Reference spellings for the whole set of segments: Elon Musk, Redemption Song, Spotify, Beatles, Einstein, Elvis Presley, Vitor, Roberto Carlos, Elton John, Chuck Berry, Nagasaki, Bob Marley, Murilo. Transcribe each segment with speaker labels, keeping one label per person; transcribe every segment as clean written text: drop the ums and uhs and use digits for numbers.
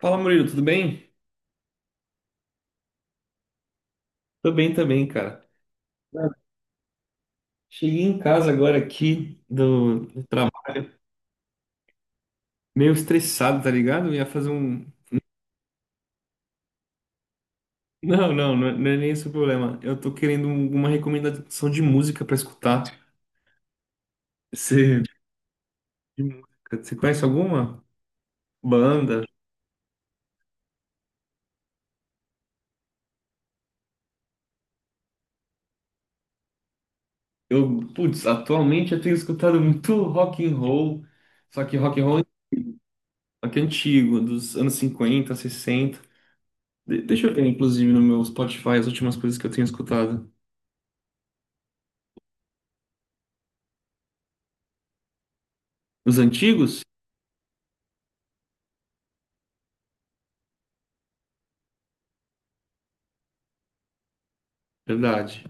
Speaker 1: Fala, Murilo, tudo bem? Tô bem também, cara. Cara, cheguei em casa agora aqui do trabalho, meio estressado, tá ligado? Eu ia fazer um. Não, não, não é nem esse o problema. Eu tô querendo um, uma recomendação de música pra escutar. Você, de música, você conhece alguma banda? Eu, putz, atualmente eu tenho escutado muito rock and roll, só que rock and roll aqui é antigo, dos anos 50, 60. Deixa eu ver, inclusive, no meu Spotify as últimas coisas que eu tenho escutado. Os antigos? Verdade.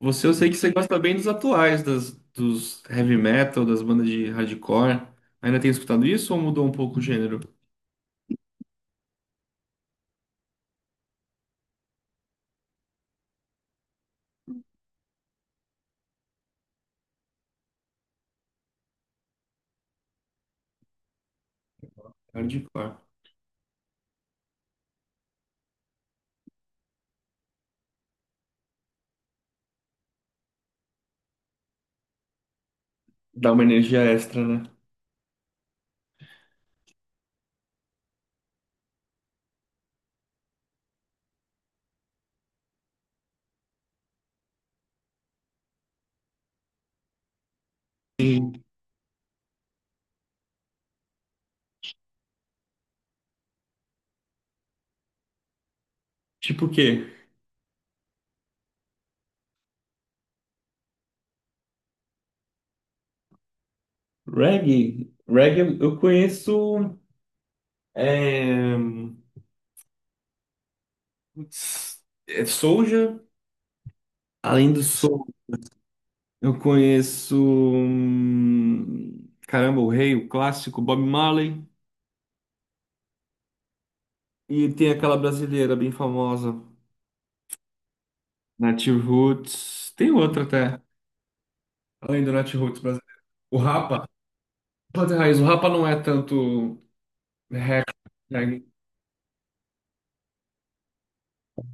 Speaker 1: Você, eu sei que você gosta bem dos atuais, das, dos heavy metal, das bandas de hardcore. Ainda tem escutado isso ou mudou um pouco o gênero? Hardcore. Dá uma energia extra, né? Sim. Tipo o quê? Reggae. Reggae eu conheço. É... Putz, é Soulja. Além do Soul, eu conheço. Caramba, o Rei, o clássico, Bob Marley. E tem aquela brasileira bem famosa, Native Roots. Tem outra até. Além do Netroots brasileiro. O Rapa, pode ter raiz, o Rapa não é tanto rap, reggae.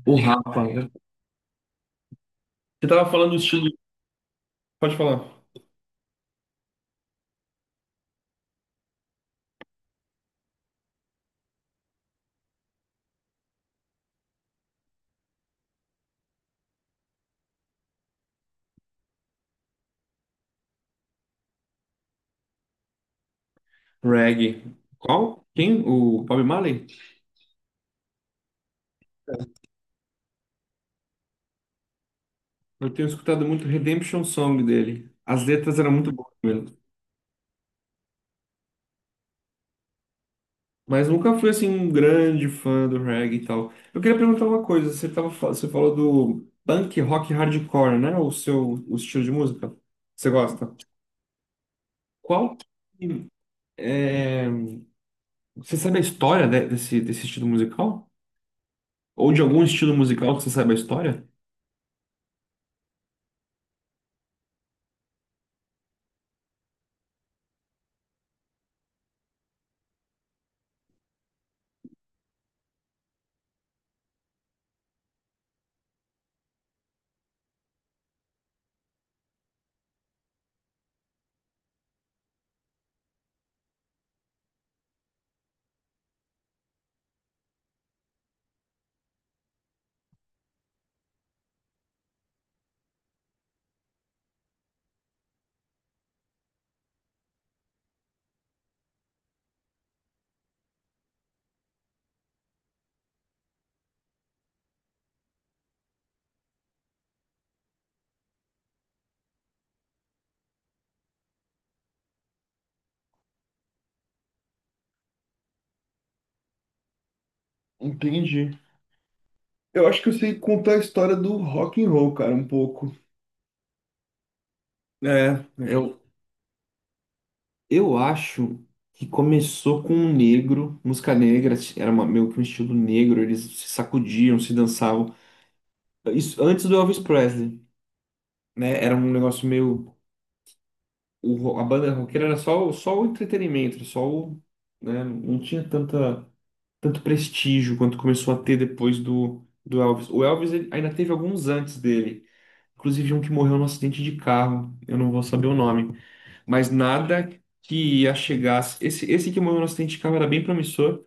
Speaker 1: O Rapa, né? Você tava falando do estilo, pode falar. Reggae. Qual? Quem? O Bob Marley? Eu tenho escutado muito Redemption Song dele. As letras eram muito boas mesmo. Mas nunca fui assim um grande fã do reggae e tal. Eu queria perguntar uma coisa, você tava, você falou do punk rock hardcore, né? O seu o estilo de música. Você gosta? Qual que é, você sabe a história desse, desse estilo musical? Ou de algum estilo musical que você sabe a história? Entendi. Eu acho que eu sei contar a história do rock and roll, cara, um pouco. É, eu acho que começou com um negro, música negra, era meio que um estilo negro, eles se sacudiam, se dançavam. Isso antes do Elvis Presley, né? Era um negócio meio. A banda roqueira era só, só o entretenimento, só o. Né, não tinha tanta, tanto prestígio quanto começou a ter depois do, do Elvis. O Elvis ele ainda teve alguns antes dele, inclusive um que morreu num acidente de carro, eu não vou saber o nome, mas nada que ia chegar. Esse que morreu num acidente de carro era bem promissor,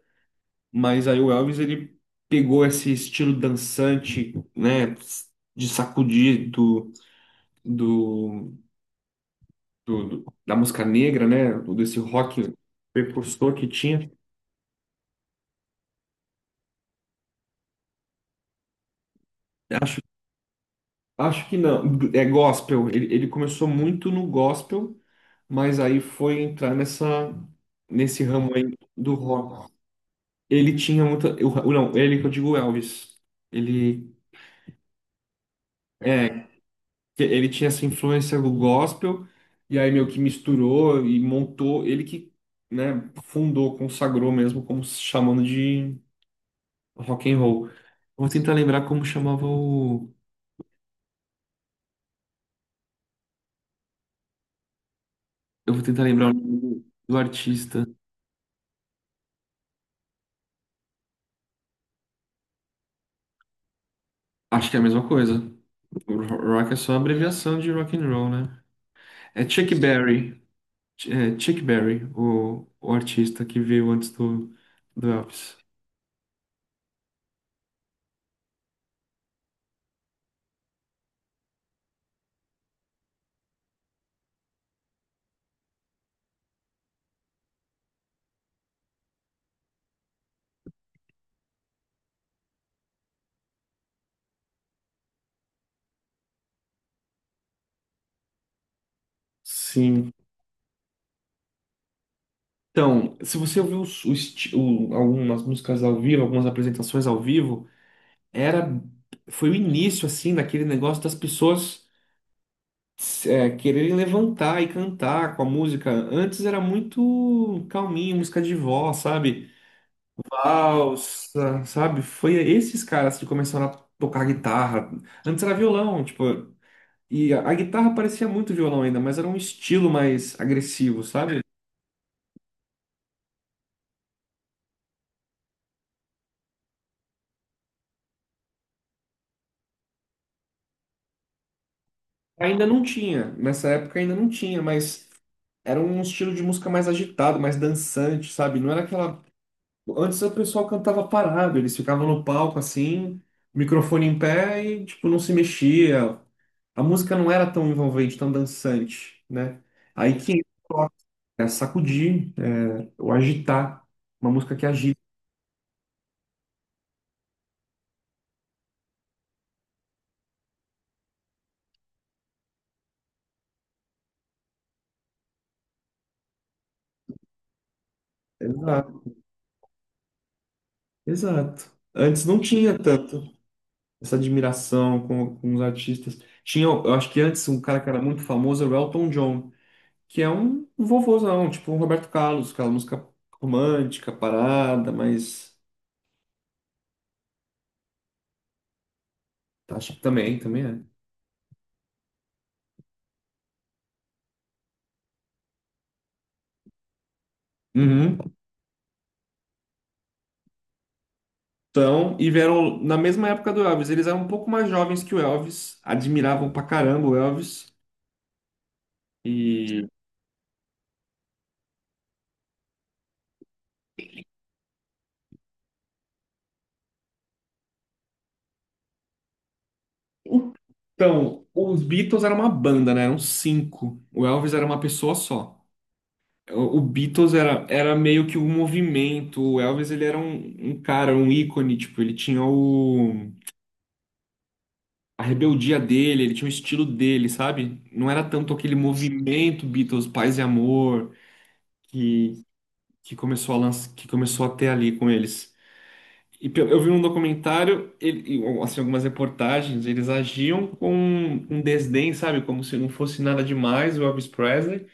Speaker 1: mas aí o Elvis ele pegou esse estilo dançante, né? De sacudir do. Da música negra, né? Desse rock precursor que tinha. Acho, acho que não. É gospel. Ele começou muito no gospel, mas aí foi entrar nessa, nesse ramo aí do rock. Ele tinha muita. Não, ele que eu digo Elvis. Ele, é, que ele tinha essa influência do gospel, e aí meio que misturou e montou. Ele que, né, fundou, consagrou mesmo, como se chamando de. Rock and roll. Vou tentar lembrar como chamava o. Eu vou tentar lembrar o nome do artista. Acho que é a mesma coisa. Rock é só a abreviação de rock and roll, né? É Chuck Berry. É Chuck Berry, o artista que veio antes do, do Elvis. Sim. Então, se você ouviu algumas músicas ao vivo, algumas apresentações ao vivo, era foi o início assim daquele negócio das pessoas. É, quererem levantar e cantar com a música. Antes era muito calminho, música de vó, sabe? Valsa, sabe? Foi esses caras que começaram a tocar guitarra. Antes era violão, tipo, e a guitarra parecia muito violão ainda, mas era um estilo mais agressivo, sabe? Ainda não tinha, nessa época ainda não tinha, mas era um estilo de música mais agitado, mais dançante, sabe? Não era aquela. Antes o pessoal cantava parado, eles ficavam no palco assim, microfone em pé e tipo não se mexia. A música não era tão envolvente, tão dançante, né? Aí que entra o rock, é sacudir, é o agitar, uma música que agita. Exato, exato. Antes não tinha tanto essa admiração com os artistas. Tinha, eu acho que antes um cara que era muito famoso era o Elton John, que é um vovôzão, tipo um Roberto Carlos, aquela música romântica, parada, mas acho também, também é. Uhum. Então, e vieram na mesma época do Elvis. Eles eram um pouco mais jovens que o Elvis, admiravam pra caramba o Elvis. E então, os Beatles era uma banda, né? Eram cinco. O Elvis era uma pessoa só. O Beatles era, era meio que um movimento. O Elvis, ele era um, um cara, um ícone, tipo, ele tinha o, a rebeldia dele, ele tinha o estilo dele, sabe? Não era tanto aquele movimento Beatles, Paz e Amor, que começou a lança, que começou a ter ali com eles. E eu vi um documentário, ele, e, assim, algumas reportagens, eles agiam com um desdém, sabe? Como se não fosse nada demais o Elvis Presley,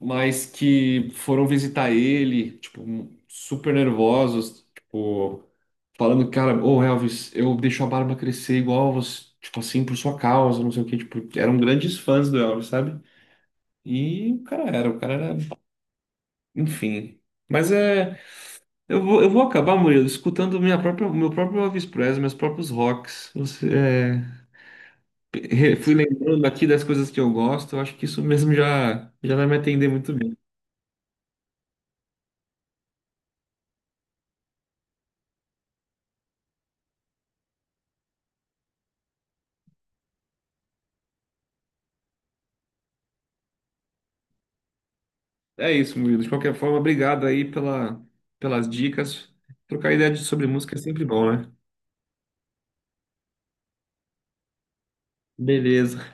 Speaker 1: mas que foram visitar ele, tipo, um, super nervosos, tipo, falando, cara, ô Elvis, eu deixo a barba crescer igual você, tipo assim, por sua causa, não sei o quê, tipo, eram grandes fãs do Elvis, sabe? E o cara era, enfim. Mas é. Eu vou acabar, Murilo, escutando minha própria, meu próprio Elvis Presley, meus próprios rocks. Você, é, fui lembrando aqui das coisas que eu gosto, eu acho que isso mesmo já, já vai me atender muito bem. É isso, Murilo. De qualquer forma, obrigado aí pela, pelas dicas. Trocar ideia sobre música é sempre bom, né? Beleza.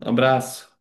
Speaker 1: Abraço.